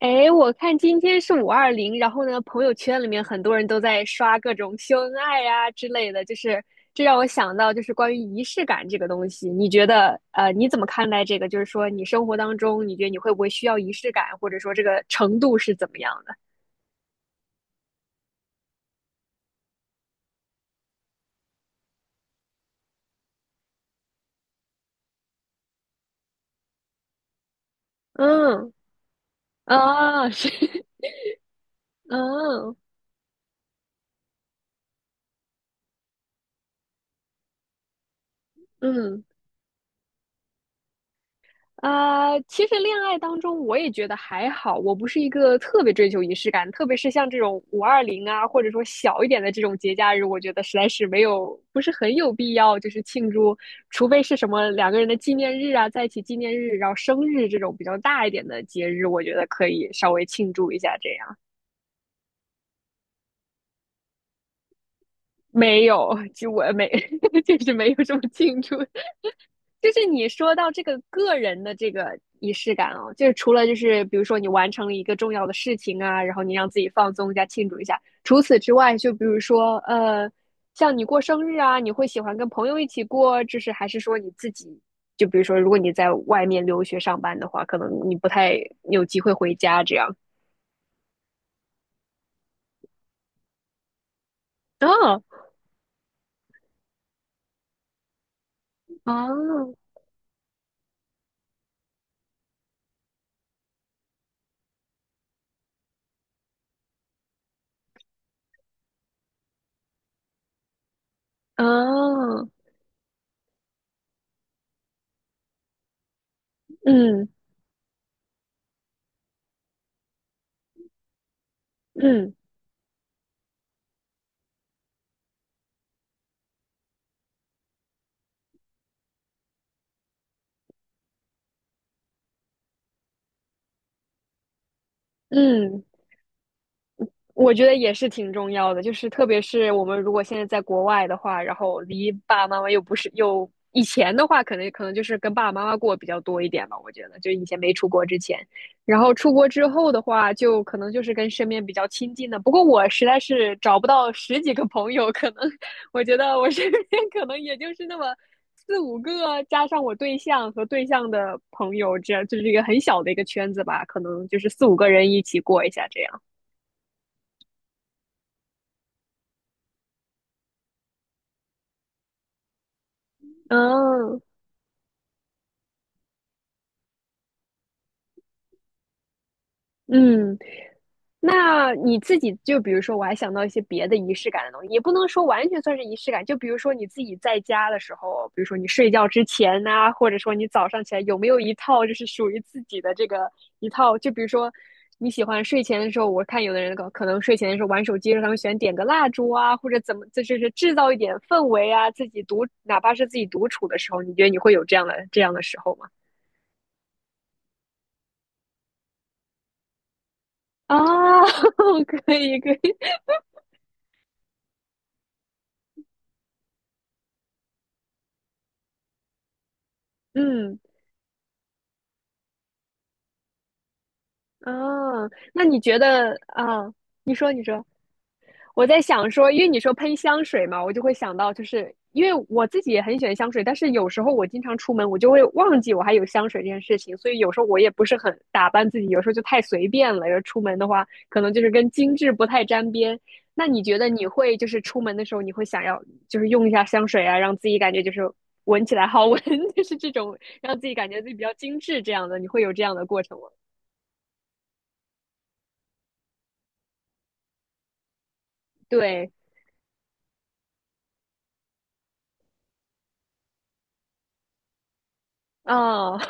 哎，我看今天是五二零，然后呢，朋友圈里面很多人都在刷各种秀恩爱呀、之类的，就是这让我想到就是关于仪式感这个东西。你觉得你怎么看待这个？就是说你生活当中，你觉得你会不会需要仪式感，或者说这个程度是怎么样的？嗯，啊，是，嗯嗯。啊，其实恋爱当中我也觉得还好，我不是一个特别追求仪式感，特别是像这种五二零啊，或者说小一点的这种节假日，我觉得实在是没有，不是很有必要就是庆祝，除非是什么两个人的纪念日啊，在一起纪念日，然后生日这种比较大一点的节日，我觉得可以稍微庆祝一下这样。没有，就我没，就是没有这么庆祝。就是你说到这个个人的这个仪式感哦，就是除了就是比如说你完成了一个重要的事情啊，然后你让自己放松一下、庆祝一下。除此之外，就比如说像你过生日啊，你会喜欢跟朋友一起过，就是还是说你自己？就比如说，如果你在外面留学上班的话，可能你不太有机会回家这样。哦，哦，哦，嗯嗯嗯我觉得也是挺重要的，就是特别是我们如果现在在国外的话，然后离爸爸妈妈又不是又以前的话，可能就是跟爸爸妈妈过比较多一点吧。我觉得就以前没出国之前，然后出国之后的话，就可能就是跟身边比较亲近的。不过我实在是找不到十几个朋友，可能我觉得我身边 可能也就是那么四五个，加上我对象和对象的朋友，这样就是一个很小的一个圈子吧，可能就是四五个人一起过一下这样。嗯。嗯，那你自己就比如说，我还想到一些别的仪式感的东西，也不能说完全算是仪式感。就比如说你自己在家的时候，比如说你睡觉之前呐、或者说你早上起来，有没有一套就是属于自己的这个一套？就比如说你喜欢睡前的时候，我看有的人可能睡前的时候玩手机的时候，他们喜欢点个蜡烛啊，或者怎么，这就是制造一点氛围啊。自己独，哪怕是自己独处的时候，你觉得你会有这样的时候吗？啊，可以可以，嗯。哦，那你觉得啊？你说，你说，我在想说，因为你说喷香水嘛，我就会想到，就是因为我自己也很喜欢香水，但是有时候我经常出门，我就会忘记我还有香水这件事情，所以有时候我也不是很打扮自己，有时候就太随便了。要出门的话，可能就是跟精致不太沾边。那你觉得你会就是出门的时候，你会想要就是用一下香水啊，让自己感觉就是闻起来好闻，就是这种让自己感觉自己比较精致这样的，你会有这样的过程吗？对，啊。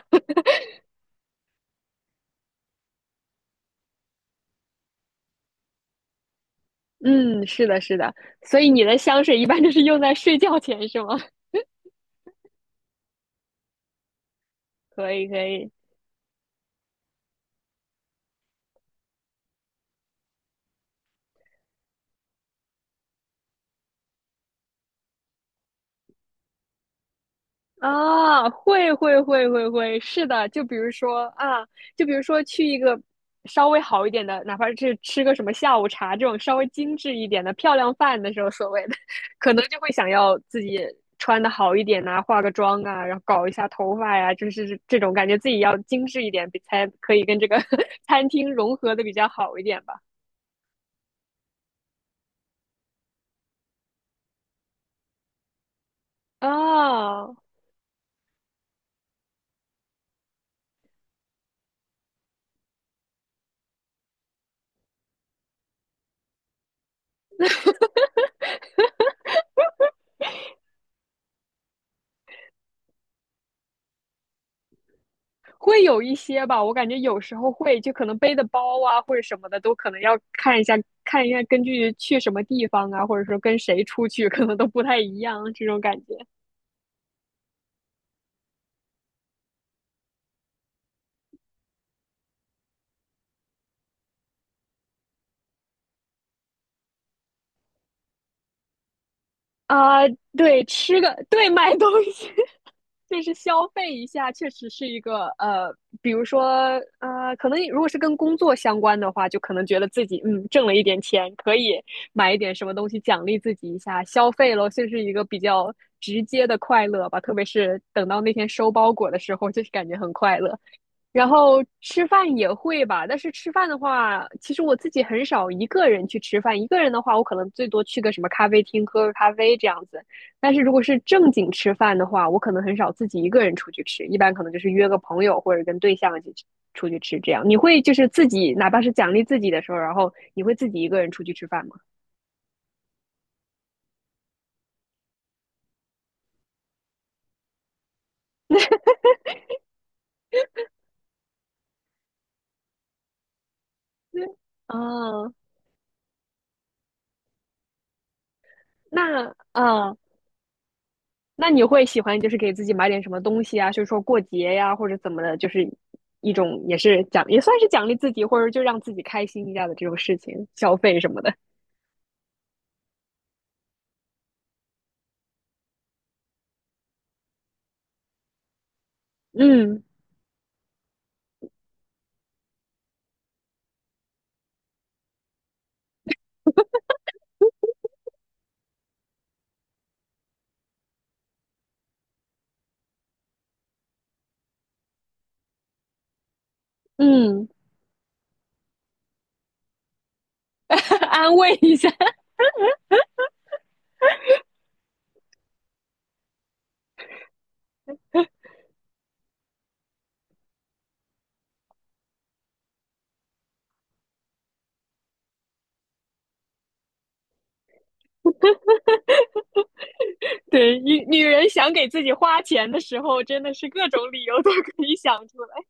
嗯，是的，是的，所以你的香水一般都是用在睡觉前是吗？可以，可以。啊，会会会会会，是的，就比如说啊，就比如说去一个稍微好一点的，哪怕是吃个什么下午茶这种稍微精致一点的漂亮饭的时候，所谓的，可能就会想要自己穿的好一点呐、化个妆啊，然后搞一下头发呀、就是这种感觉自己要精致一点，比才可以跟这个 餐厅融合的比较好一点吧。啊，会有一些吧，我感觉有时候会，就可能背的包啊或者什么的，都可能要看一下，看一下根据去什么地方啊，或者说跟谁出去，可能都不太一样这种感觉。啊。对，吃个，对，买东西，就是消费一下，确实是一个比如说可能如果是跟工作相关的话，就可能觉得自己挣了一点钱，可以买一点什么东西奖励自己一下，消费咯，就是一个比较直接的快乐吧。特别是等到那天收包裹的时候，就是感觉很快乐。然后吃饭也会吧，但是吃饭的话，其实我自己很少一个人去吃饭。一个人的话，我可能最多去个什么咖啡厅喝个咖啡这样子。但是如果是正经吃饭的话，我可能很少自己一个人出去吃，一般可能就是约个朋友或者跟对象一起去出去吃这样。你会就是自己，哪怕是奖励自己的时候，然后你会自己一个人出去吃饭吗？对啊，那啊，那你会喜欢就是给自己买点什么东西啊？就是说过节呀、或者怎么的，就是一种也是奖，也算是奖励自己，或者就让自己开心一下的这种事情，消费什么的。嗯嗯，安慰一下。对，女女人想给自己花钱的时候，真的是各种理由都可以想出来。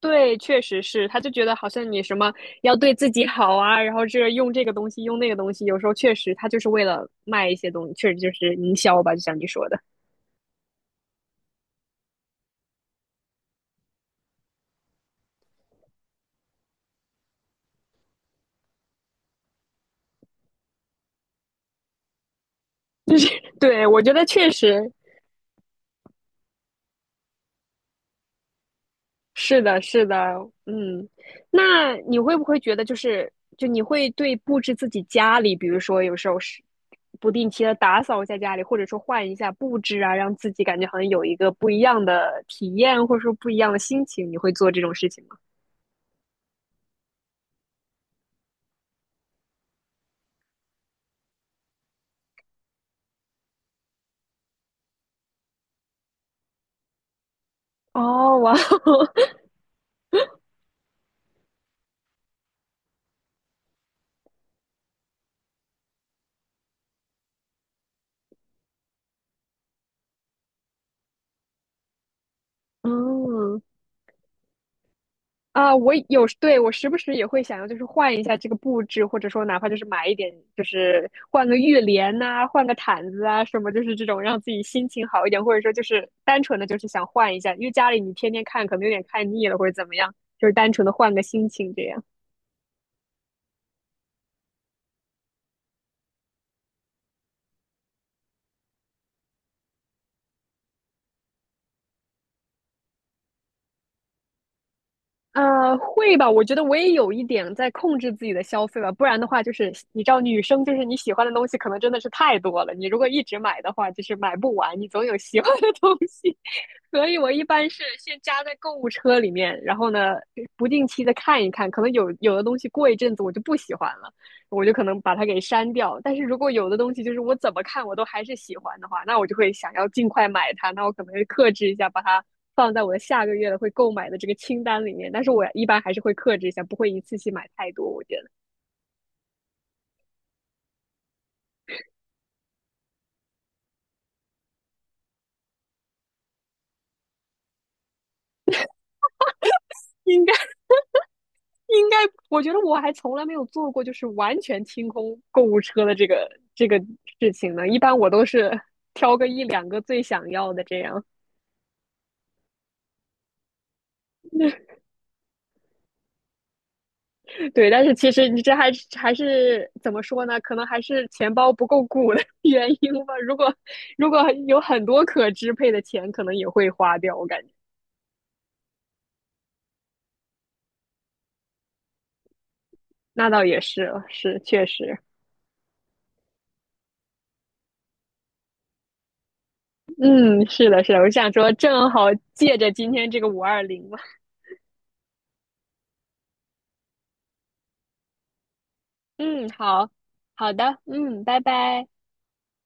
对，确实是，他就觉得好像你什么要对自己好啊，然后这用这个东西，用那个东西，有时候确实他就是为了卖一些东西，确实就是营销吧，就像你说的。对，我觉得确实是的，是的，嗯，那你会不会觉得就是，就你会对布置自己家里，比如说有时候是不定期的打扫一下家里，或者说换一下布置啊，让自己感觉好像有一个不一样的体验，或者说不一样的心情，你会做这种事情吗？哦，哇哦，嗯。啊，我有，时对，我时不时也会想要，就是换一下这个布置，或者说哪怕就是买一点，就是换个浴帘呐、换个毯子啊，什么，就是这种让自己心情好一点，或者说就是单纯的就是想换一下，因为家里你天天看可能有点看腻了，或者怎么样，就是单纯的换个心情这样。呃，会吧？我觉得我也有一点在控制自己的消费吧，不然的话，就是你知道，女生就是你喜欢的东西可能真的是太多了，你如果一直买的话，就是买不完，你总有喜欢的东西。所以我一般是先加在购物车里面，然后呢，不定期的看一看，可能有的东西过一阵子我就不喜欢了。我就可能把它给删掉。但是如果有的东西就是我怎么看我都还是喜欢的话，那我就会想要尽快买它。那我可能会克制一下，把它放在我的下个月的会购买的这个清单里面。但是我一般还是会克制一下，不会一次性买太多。我觉得应该应该，我觉得我还从来没有做过就是完全清空购物车的这个这个事情呢。一般我都是挑个一两个最想要的这样。对，但是其实你这还是怎么说呢？可能还是钱包不够鼓的原因吧。如果有很多可支配的钱，可能也会花掉。我感觉那倒也是，是确实，嗯，是的，是的。我想说，正好借着今天这个五二零嘛，嗯，好，好的，嗯，拜拜。